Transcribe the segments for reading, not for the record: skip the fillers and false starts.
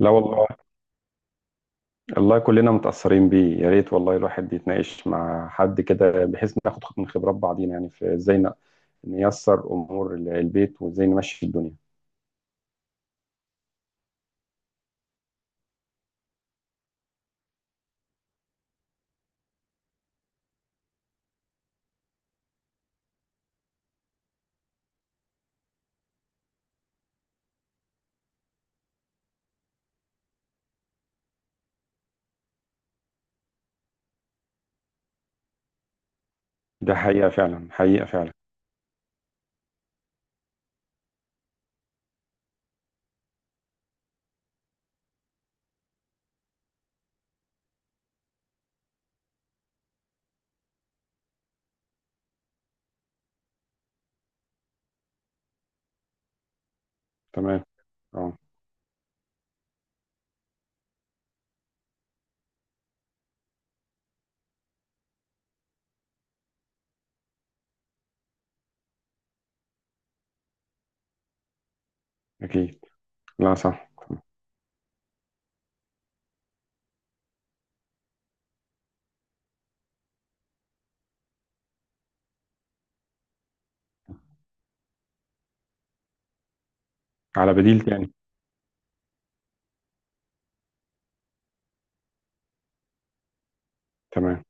لا والله. الله كلنا متأثرين بيه، يا ريت والله الواحد يتناقش مع حد كده بحيث ناخد من خبرات بعضينا، يعني في ازاي نيسر امور البيت وازاي نمشي الدنيا. ده حقيقة فعلا، حقيقة فعلا. تمام. اه، اكيد. لا، صح. على بديل تاني. تمام.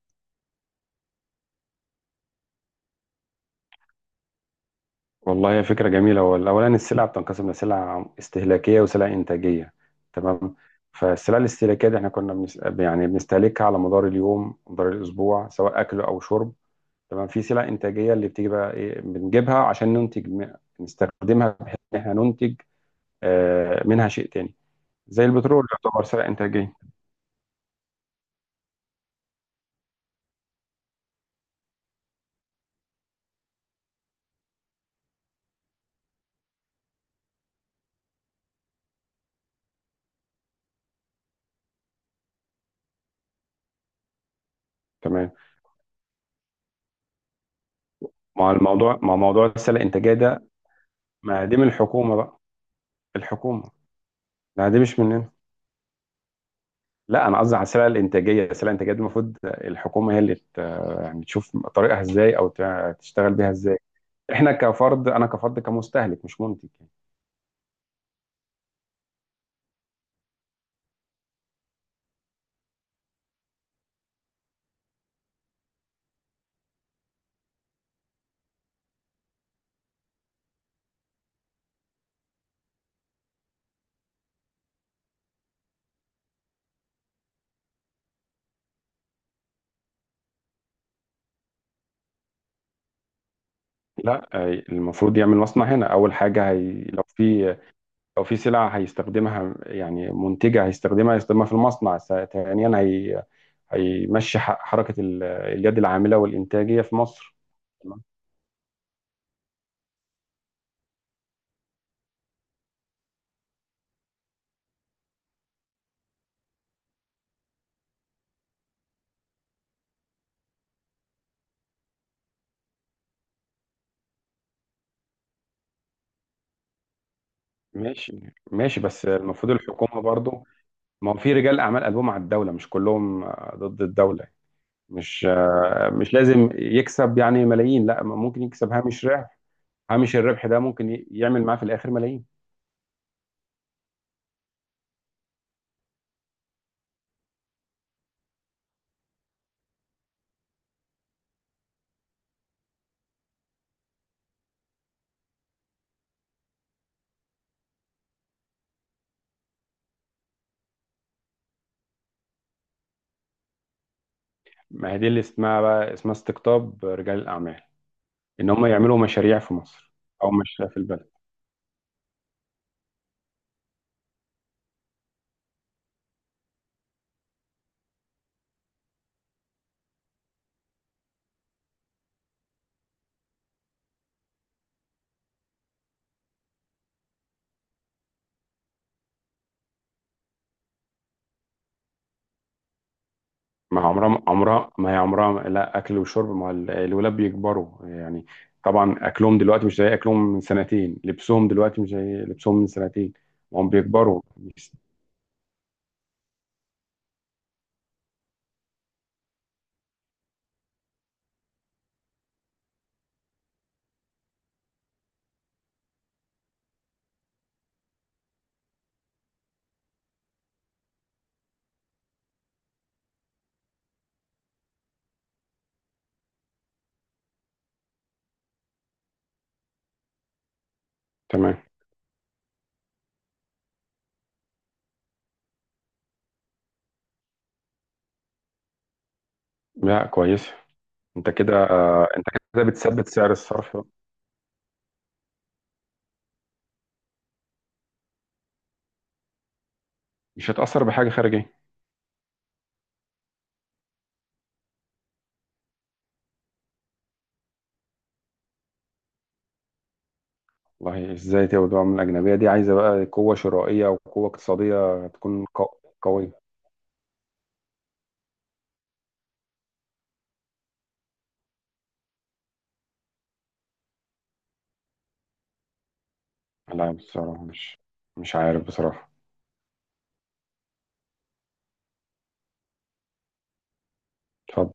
والله هي فكرة جميلة، هو الأولاني السلع بتنقسم لسلع استهلاكية وسلع إنتاجية. تمام. فالسلع الاستهلاكية دي احنا يعني بنستهلكها على مدار اليوم، مدار الأسبوع، سواء أكل أو شرب. تمام. في سلع انتاجيه اللي بتيجي بقى ايه، بنجيبها عشان ننتج، نستخدمها بحيث ان احنا ننتج منها شيء تاني. زي البترول يعتبر سلع انتاجيه. تمام مع الموضوع مع موضوع السلع الانتاجيه ده. ما دي من الحكومه بقى. الحكومه. لا، دي مش مننا. لا، انا قصدي على السلع الانتاجيه، السلع الانتاجيه دي المفروض الحكومه هي اللي يعني تشوف طريقها ازاي او تشتغل بيها ازاي. احنا كفرد، انا كفرد كمستهلك مش منتج يعني. لا، المفروض يعمل مصنع هنا اول حاجه، هي لو في، لو في سلعة هيستخدمها، يعني منتجة هيستخدمها في المصنع، ثانيا هي هيمشي حركة اليد العاملة والإنتاجية في مصر. تمام. ماشي. ماشي بس المفروض الحكومة برضو. ما هو في رجال أعمال قلبهم على الدولة، مش كلهم ضد الدولة. مش، مش لازم يكسب يعني ملايين، لا ممكن يكسب هامش ربح. هامش الربح ده ممكن يعمل معاه في الآخر ملايين. ما هي دي اللي اسمها استقطاب رجال الأعمال، إن هم يعملوا مشاريع في مصر أو مشاريع في البلد. ما عمرها، عمرها ما هي عمرها لا. اكل وشرب، ما الولاد بيكبروا يعني. طبعا اكلهم دلوقتي مش زي اكلهم من سنتين، لبسهم دلوقتي مش زي لبسهم من سنتين. هم بيكبروا. تمام. لا، كويس. انت كده بتثبت سعر الصرف، مش هتأثر بحاجة خارجية. والله، ازاي تبقى من الأجنبية دي؟ عايزة بقى قوة شرائية وقوة اقتصادية، تكون قوية. لا بصراحة، مش عارف بصراحة. اتفضل.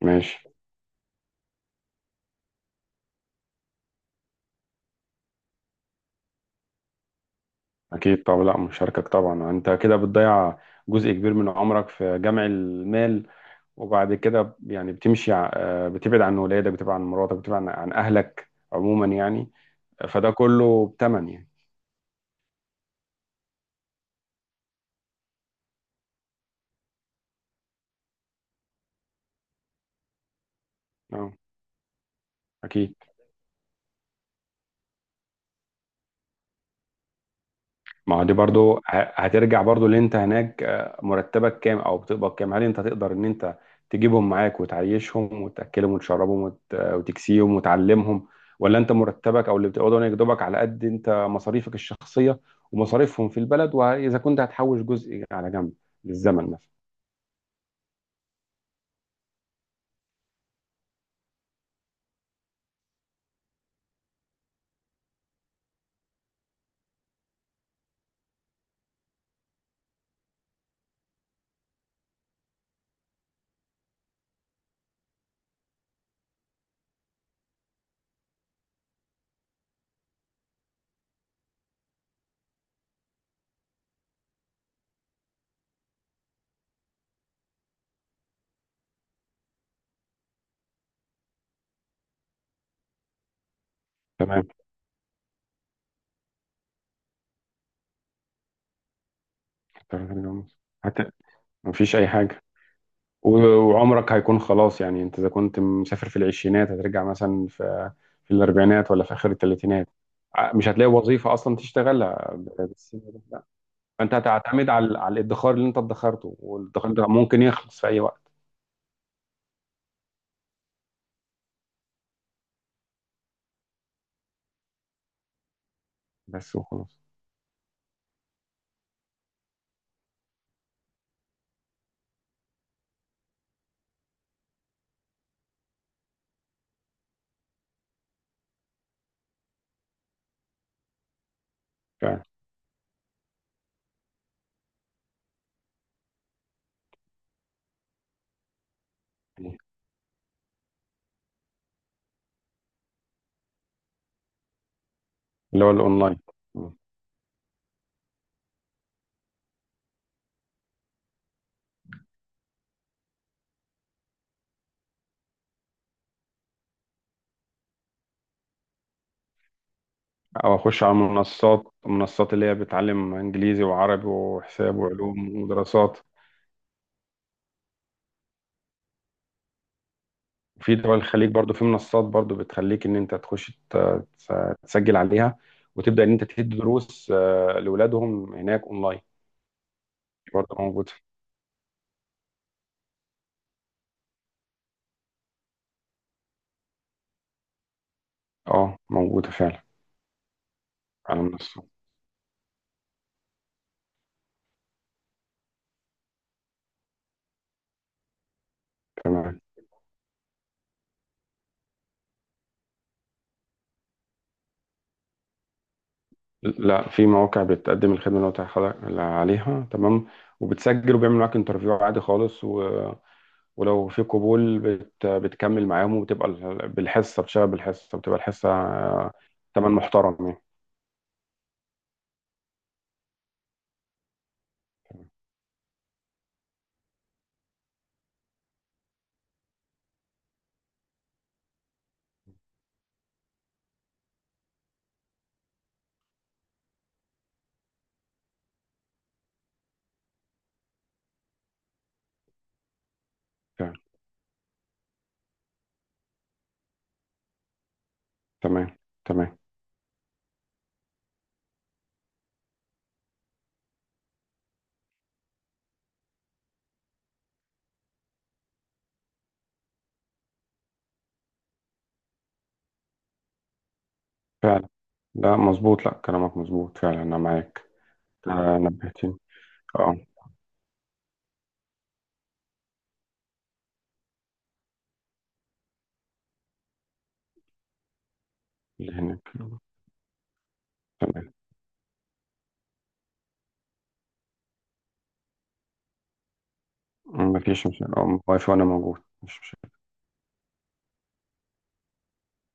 ماشي. أكيد طبعا، لا مشاركك طبعا. أنت كده بتضيع جزء كبير من عمرك في جمع المال، وبعد كده يعني بتمشي ع- آه، بتبعد عن ولادك، بتبعد عن مراتك، بتبعد عن أهلك عموما يعني. فده كله بتمن يعني. أه. أكيد. ما هو دي برضو هترجع برضو. اللي انت هناك مرتبك كام او بتقبض كام؟ هل انت تقدر ان انت تجيبهم معاك وتعيشهم وتاكلهم وتشربهم وتكسيهم وتعلمهم؟ ولا انت مرتبك او اللي بتقبضه هناك دوبك على قد انت مصاريفك الشخصيه ومصاريفهم في البلد؟ واذا كنت هتحوش جزء على جنب للزمن مثلا. تمام. هت... مفيش اي حاجه. و- وعمرك هيكون خلاص يعني. انت اذا كنت مسافر في العشرينات، هترجع مثلا في الاربعينات ولا في اخر الثلاثينات. مش هتلاقي وظيفه اصلا تشتغلها بالسن ده، لا. فانت هتعتمد على الادخار اللي انت ادخرته، والادخار ده ممكن يخلص في اي وقت. بس وخلاص. فعلا. اللي هو الاونلاين. مم. او اخش على منصات اللي هي بتعلم انجليزي وعربي وحساب وعلوم ودراسات. في دول الخليج برضو في منصات برضو بتخليك ان انت تخش تس- تسجل عليها، وتبدا ان انت تدي دروس لاولادهم هناك اونلاين. برضو موجوده. اه، موجوده فعلا. على منصات. تمام. لا، في مواقع بتقدم الخدمه اللي قلت لحضرتك عليها، تمام. وبتسجل وبيعمل معاك انترفيو عادي خالص، ولو في قبول بتكمل معاهم وبتبقى بالحصه. بتشتغل بالحصه، بتبقى الحصه تمن محترم يعني. فعلا. تمام. تمام. فعلا. لا، مظبوط، لا كلامك مظبوط فعلا، انا معاك. نبهتني. اه. اللي هناك. تمام. مفيش مشكلة، واقف وانا موجود، مش مشكلة.